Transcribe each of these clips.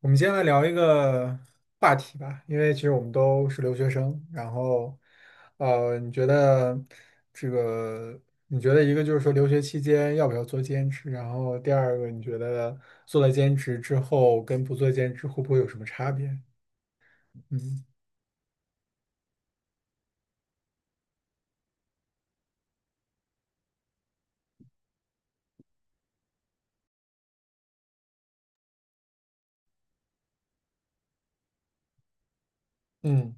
我们今天来聊一个话题吧。因为其实我们都是留学生，然后，你觉得这个，你觉得一个就是说留学期间要不要做兼职，然后第二个你觉得做了兼职之后跟不做兼职会不会有什么差别？嗯，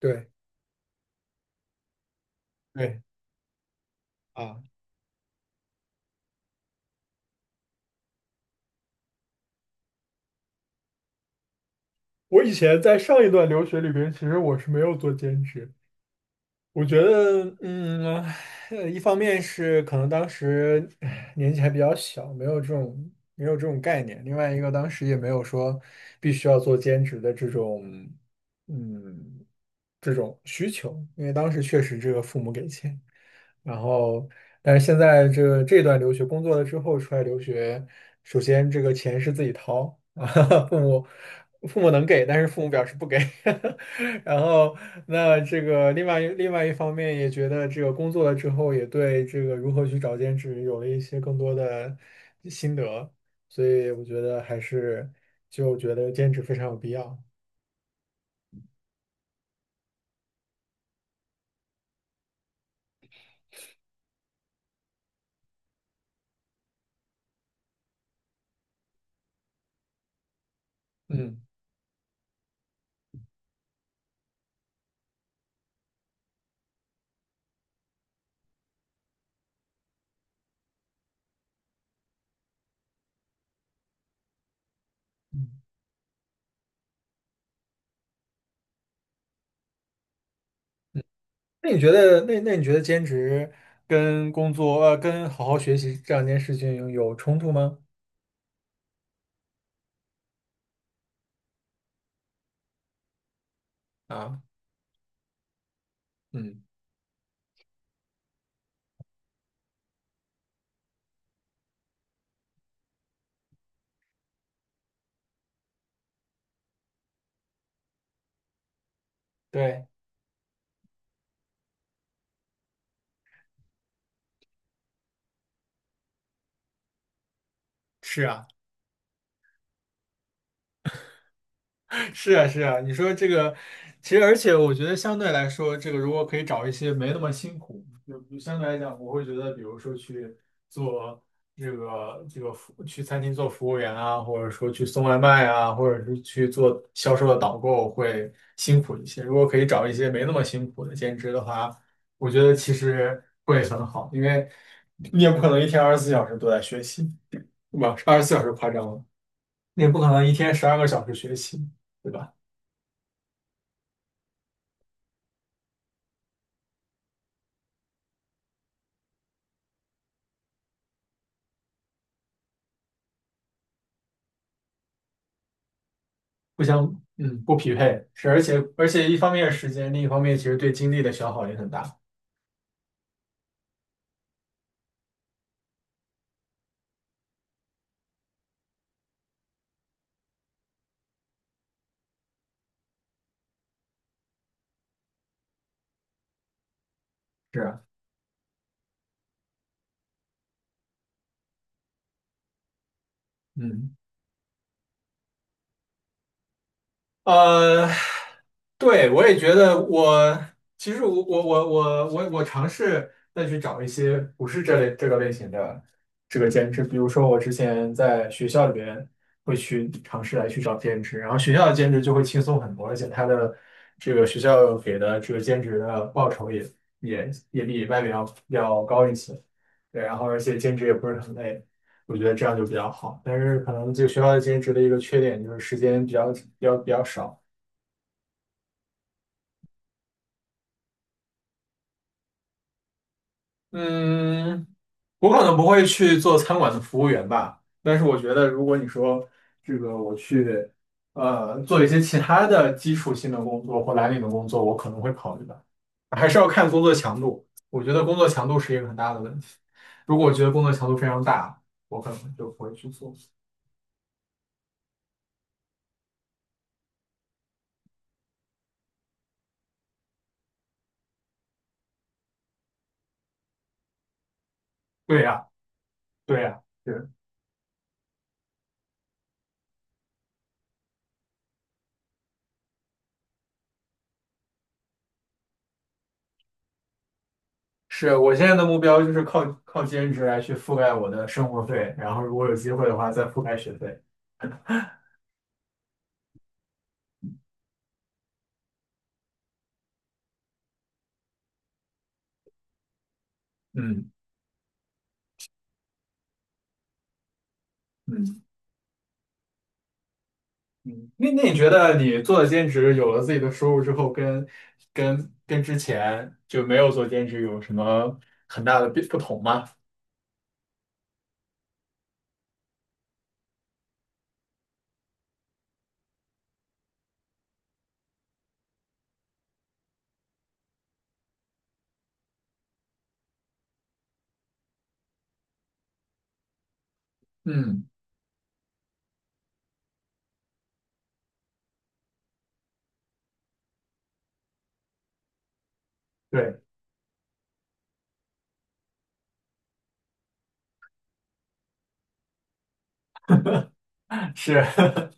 对，对啊，我以前在上一段留学里边，其实我是没有做兼职。我觉得，呃一方面是可能当时年纪还比较小，没有这种概念；另外一个，当时也没有说必须要做兼职的这种，嗯，这种需求，因为当时确实这个父母给钱。然后，但是现在这个这段留学工作了之后出来留学，首先这个钱是自己掏啊，父母父母能给，但是父母表示不给。然后，那这个另外一方面也觉得这个工作了之后，也对这个如何去找兼职有了一些更多的心得，所以我觉得还是就觉得兼职非常有必要。嗯。那你觉得，那你觉得兼职跟工作，呃，跟好好学习这两件事情有冲突吗？啊，嗯，对，是啊。是啊，是啊，你说这个，其实而且我觉得相对来说，这个如果可以找一些没那么辛苦，就相对来讲，我会觉得，比如说去做这个这个服，去餐厅做服务员啊，或者说去送外卖啊，或者是去做销售的导购会辛苦一些。如果可以找一些没那么辛苦的兼职的话，我觉得其实会很好，因为你也不可能一天二十四小时都在学习，对吧？二十四小时夸张了，你也不可能一天十二个小时学习，对吧？互相嗯不匹配，而且一方面是时间，另一方面其实对精力的消耗也很大。是啊，嗯。呃，对，我也觉得其实我我尝试再去找一些不是这类这个类型的这个兼职，比如说我之前在学校里边会去尝试来去找兼职，然后学校的兼职就会轻松很多，而且它的这个学校给的这个兼职的报酬也比外面要高一些。对，然后而且兼职也不是很累。我觉得这样就比较好。但是可能这个学校的兼职的一个缺点就是时间比较少。嗯，我可能不会去做餐馆的服务员吧，但是我觉得如果你说这个我去做一些其他的基础性的工作或蓝领的工作，我可能会考虑吧。还是要看工作强度。我觉得工作强度是一个很大的问题。如果我觉得工作强度非常大，我可能就不会去做。对呀，对呀。对。是我现在的目标就是靠兼职来去覆盖我的生活费，然后如果有机会的话再覆盖学费。嗯嗯嗯，那你觉得你做了兼职，有了自己的收入之后，跟之前就没有做兼职有什么很大的变不同吗？嗯，对，是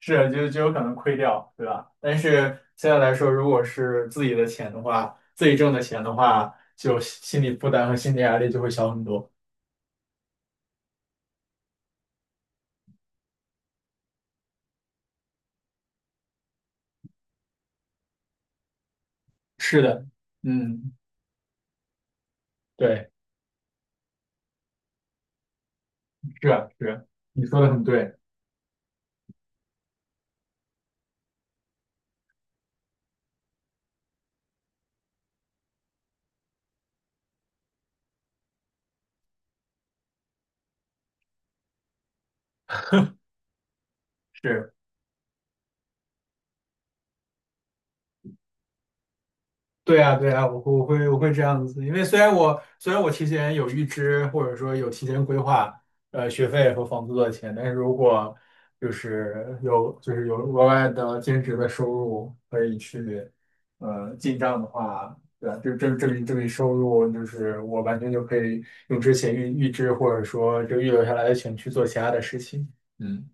是，就就有可能亏掉，对吧？但是现在来说，如果是自己的钱的话，自己挣的钱的话，就心理负担和心理压力就会小很多。是的，嗯。对。是啊是啊，你说的很对，是对啊对啊，我会这样子。因为虽然我提前有预支或者说有提前规划，呃，学费和房租的钱，但是如果就是有额外的兼职的收入可以去进账的话，对吧？就这笔收入，就是我完全就可以用之前预支或者说这个预留下来的钱去做其他的事情。嗯。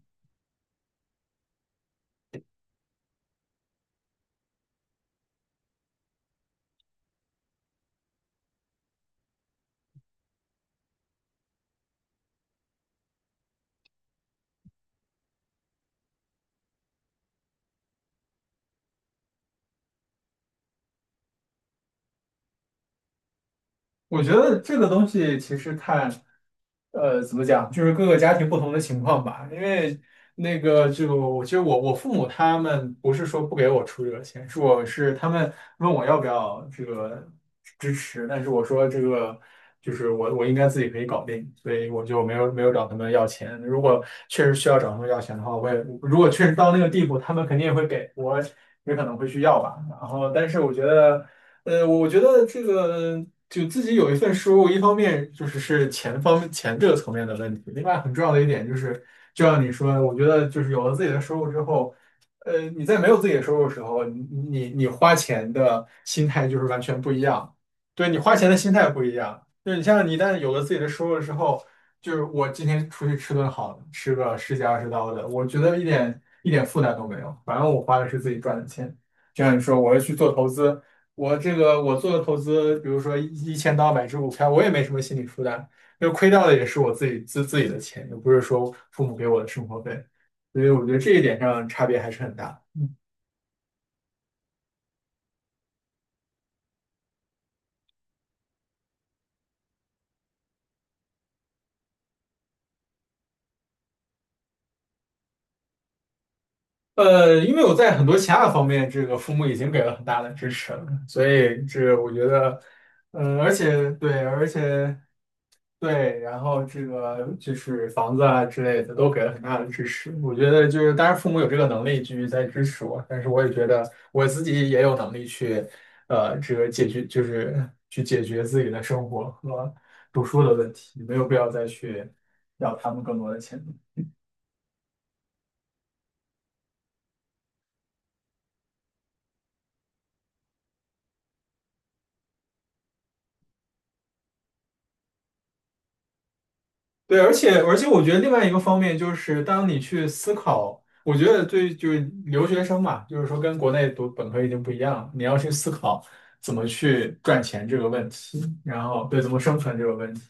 我觉得这个东西其实看，呃，怎么讲，就是各个家庭不同的情况吧。因为那个就我其实我父母他们不是说不给我出这个钱，是他们问我要不要这个支持，但是我说这个就是我应该自己可以搞定，所以我就没有找他们要钱。如果确实需要找他们要钱的话，如果确实到那个地步，他们肯定也会给我，也可能会去要吧。然后，但是我觉得。呃，我觉得这个就自己有一份收入，一方面就是钱方面这个层面的问题，另外很重要的一点就是，就像你说，我觉得就是有了自己的收入之后，呃，你在没有自己的收入的时候，你花钱的心态就是完全不一样，对你花钱的心态不一样，就是你一旦有了自己的收入之后，就是我今天出去吃顿好的吃个十几二十刀的，我觉得一点负担都没有，反正我花的是自己赚的钱，就像你说，我要去做投资。我这个我做的投资，比如说一千到百只股票，我也没什么心理负担，因为亏掉的也是我自己自己的钱，又不是说父母给我的生活费，所以我觉得这一点上差别还是很大。嗯呃，因为我在很多其他的方面，这个父母已经给了很大的支持了，所以这个我觉得，嗯、而且对，而且。对，然后这个就是房子啊之类的都给了很大的支持。我觉得就是，当然父母有这个能力继续在支持我，但是我也觉得我自己也有能力去，呃，这个解决就是去解决自己的生活和读书的问题，没有必要再去要他们更多的钱。对，而且我觉得另外一个方面就是，当你去思考，我觉得对，就是留学生嘛，就是说跟国内读本科已经不一样了，你要去思考怎么去赚钱这个问题，然后对，怎么生存这个问题。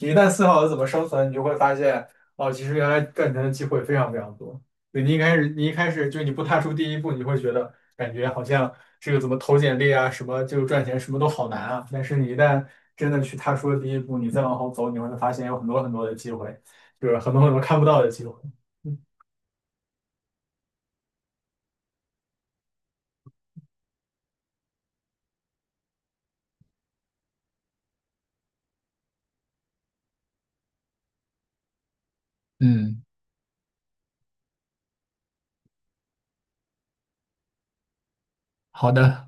你一旦思考了怎么生存，你就会发现，哦，其实原来赚钱的机会非常非常多。对，你一开始就你不踏出第一步，你会觉得感觉好像这个怎么投简历啊，什么就赚钱，什么都好难啊。但是你一旦真的去踏出了第一步，你再往后走，你会发现有很多很多的机会，就是很多很多看不到的机会。嗯嗯，好的。